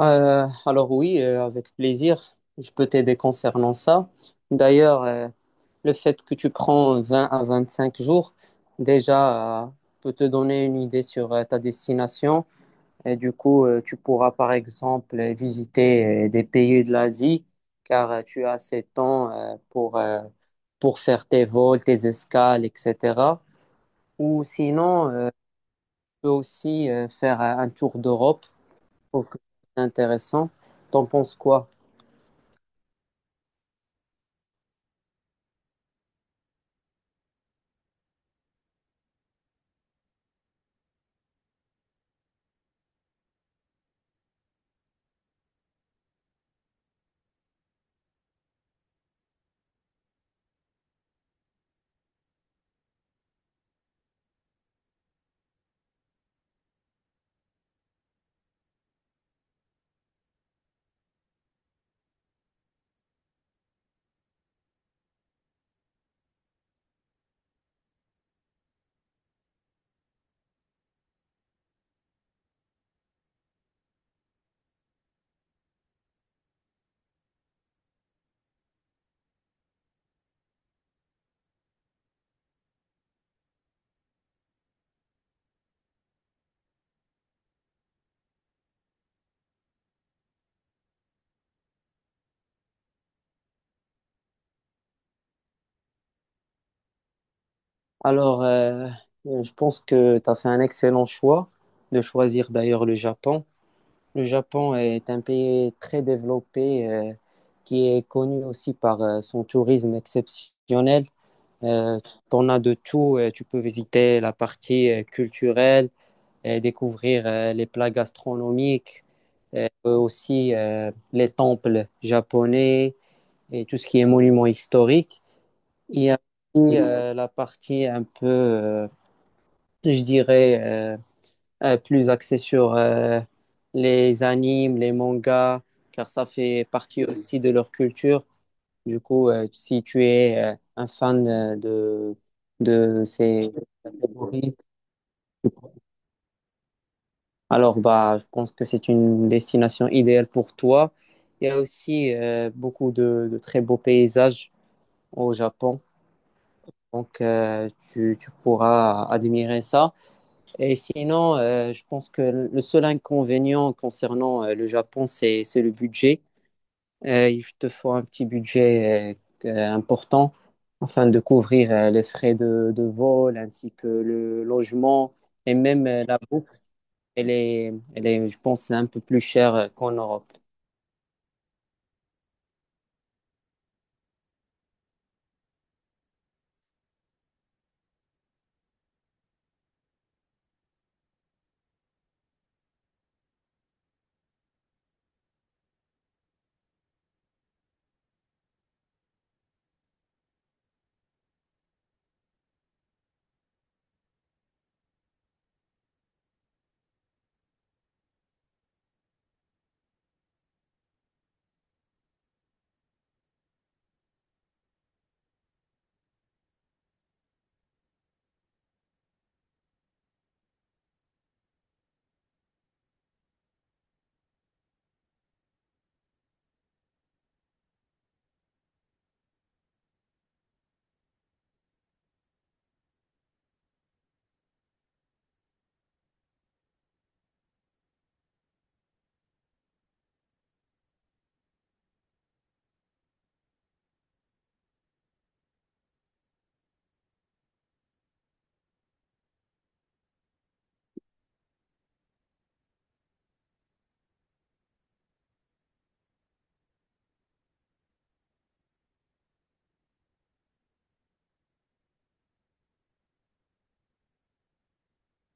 Alors oui, avec plaisir, je peux t'aider concernant ça. D'ailleurs, le fait que tu prends 20 à 25 jours, déjà, peut te donner une idée sur ta destination. Et du coup, tu pourras par exemple visiter des pays de l'Asie, car tu as assez de temps pour faire tes vols, tes escales, etc. Ou sinon, tu peux aussi faire un tour d'Europe. Je trouve que c'est intéressant. T'en penses quoi? Alors, je pense que tu as fait un excellent choix de choisir d'ailleurs le Japon. Le Japon est un pays très développé, qui est connu aussi par son tourisme exceptionnel. Euh, T'en as de tout. Tu peux visiter la partie culturelle et découvrir les plats gastronomiques, aussi les temples japonais et tout ce qui est monument historique. Il y a aussi la partie un peu, je dirais, plus axé sur les animes, les mangas, car ça fait partie aussi de leur culture. Du coup, si tu es un fan de ces catégories, alors bah, je pense que c'est une destination idéale pour toi. Il y a aussi beaucoup de très beaux paysages au Japon, donc tu pourras admirer ça. Et sinon, je pense que le seul inconvénient concernant le Japon, c'est le budget. Il te faut un petit budget important afin de couvrir les frais de vol ainsi que le logement et même la bouffe. Elle est, je pense, un peu plus chère qu'en Europe.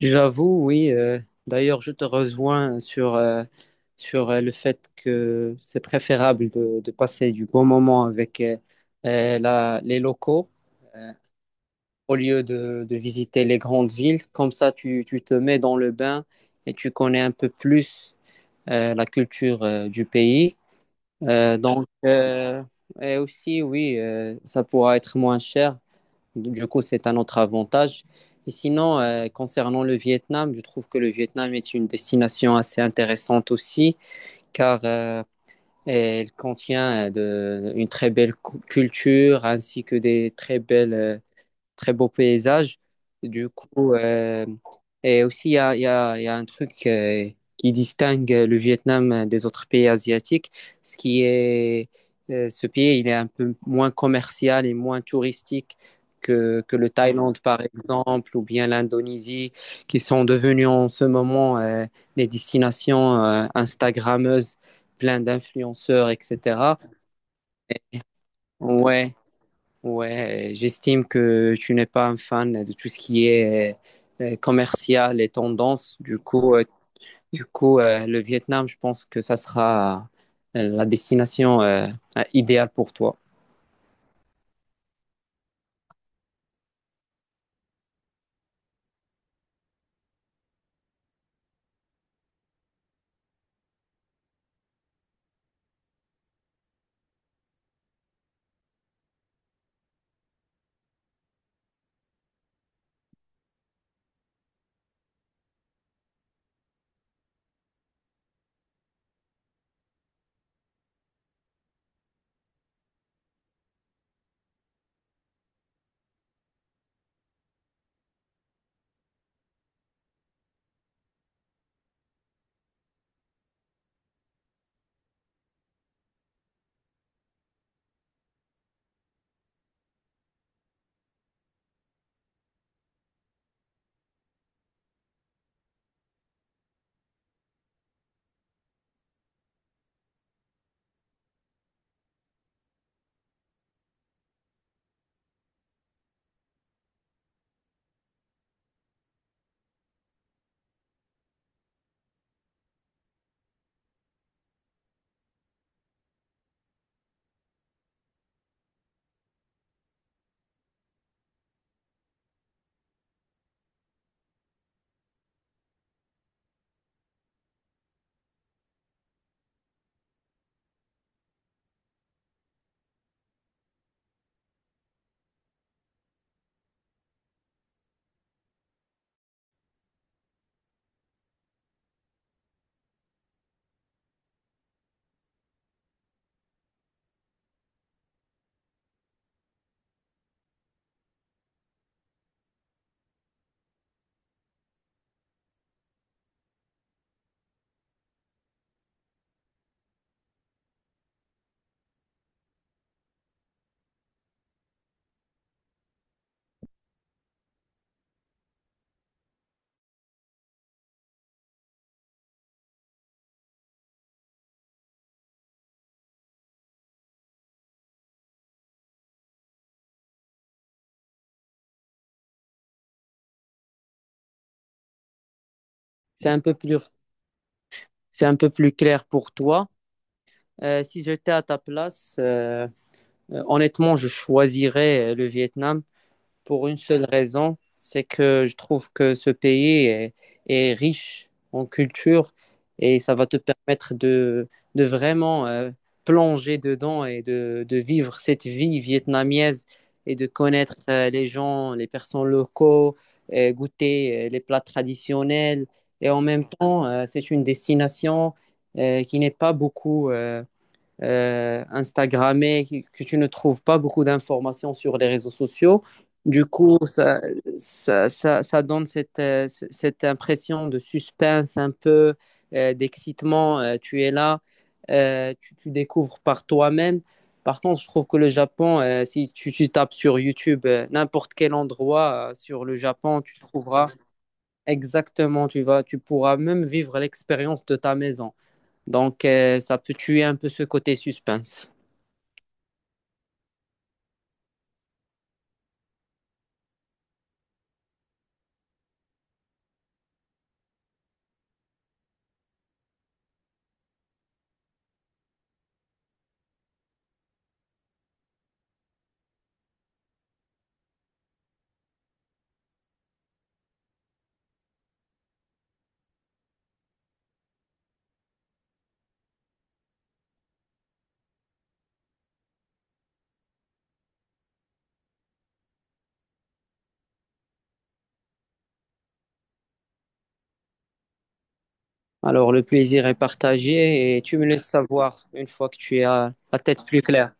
J'avoue, oui. D'ailleurs, je te rejoins sur le fait que c'est préférable de passer du bon moment avec les locaux euh, au lieu de visiter les grandes villes. Comme ça, tu te mets dans le bain et tu connais un peu plus la culture du pays. Donc, et aussi, oui, ça pourra être moins cher. Du coup, c'est un autre avantage. Et sinon, concernant le Vietnam, je trouve que le Vietnam est une destination assez intéressante aussi, car elle contient une très belle culture ainsi que des très belles, très beau paysage. Du coup, et aussi, il y a, il y a, il y a un truc qui distingue le Vietnam des autres pays asiatiques, ce qui est, Ce pays, il est un peu moins commercial et moins touristique que le Thaïlande, par exemple, ou bien l'Indonésie, qui sont devenus en ce moment des destinations Instagrammeuses, plein d'influenceurs, etc. Ouais, Ouais, J'estime que tu n'es pas un fan de tout ce qui est commercial et tendance. Du coup, le Vietnam, je pense que ça sera la destination idéale pour toi. C'est un peu plus, c'est un peu plus clair pour toi. Si j'étais à ta place, honnêtement, je choisirais le Vietnam. Pour une seule raison, c'est que je trouve que ce pays est riche en culture et ça va te permettre de vraiment plonger dedans et de vivre cette vie vietnamienne et de connaître les gens, les personnes locaux, et goûter les plats traditionnels. Et en même temps, c'est une destination qui n'est pas beaucoup Instagrammé, que tu ne trouves pas beaucoup d'informations sur les réseaux sociaux. Du coup, ça donne cette impression de suspense, un peu d'excitement. Tu es là, tu découvres par toi-même. Par contre, je trouve que le Japon, si tu tapes sur YouTube, n'importe quel endroit sur le Japon, tu trouveras exactement, tu pourras même vivre l'expérience de ta maison. Donc, ça peut tuer un peu ce côté suspense. Alors, le plaisir est partagé et tu me laisses savoir une fois que tu as la tête plus claire.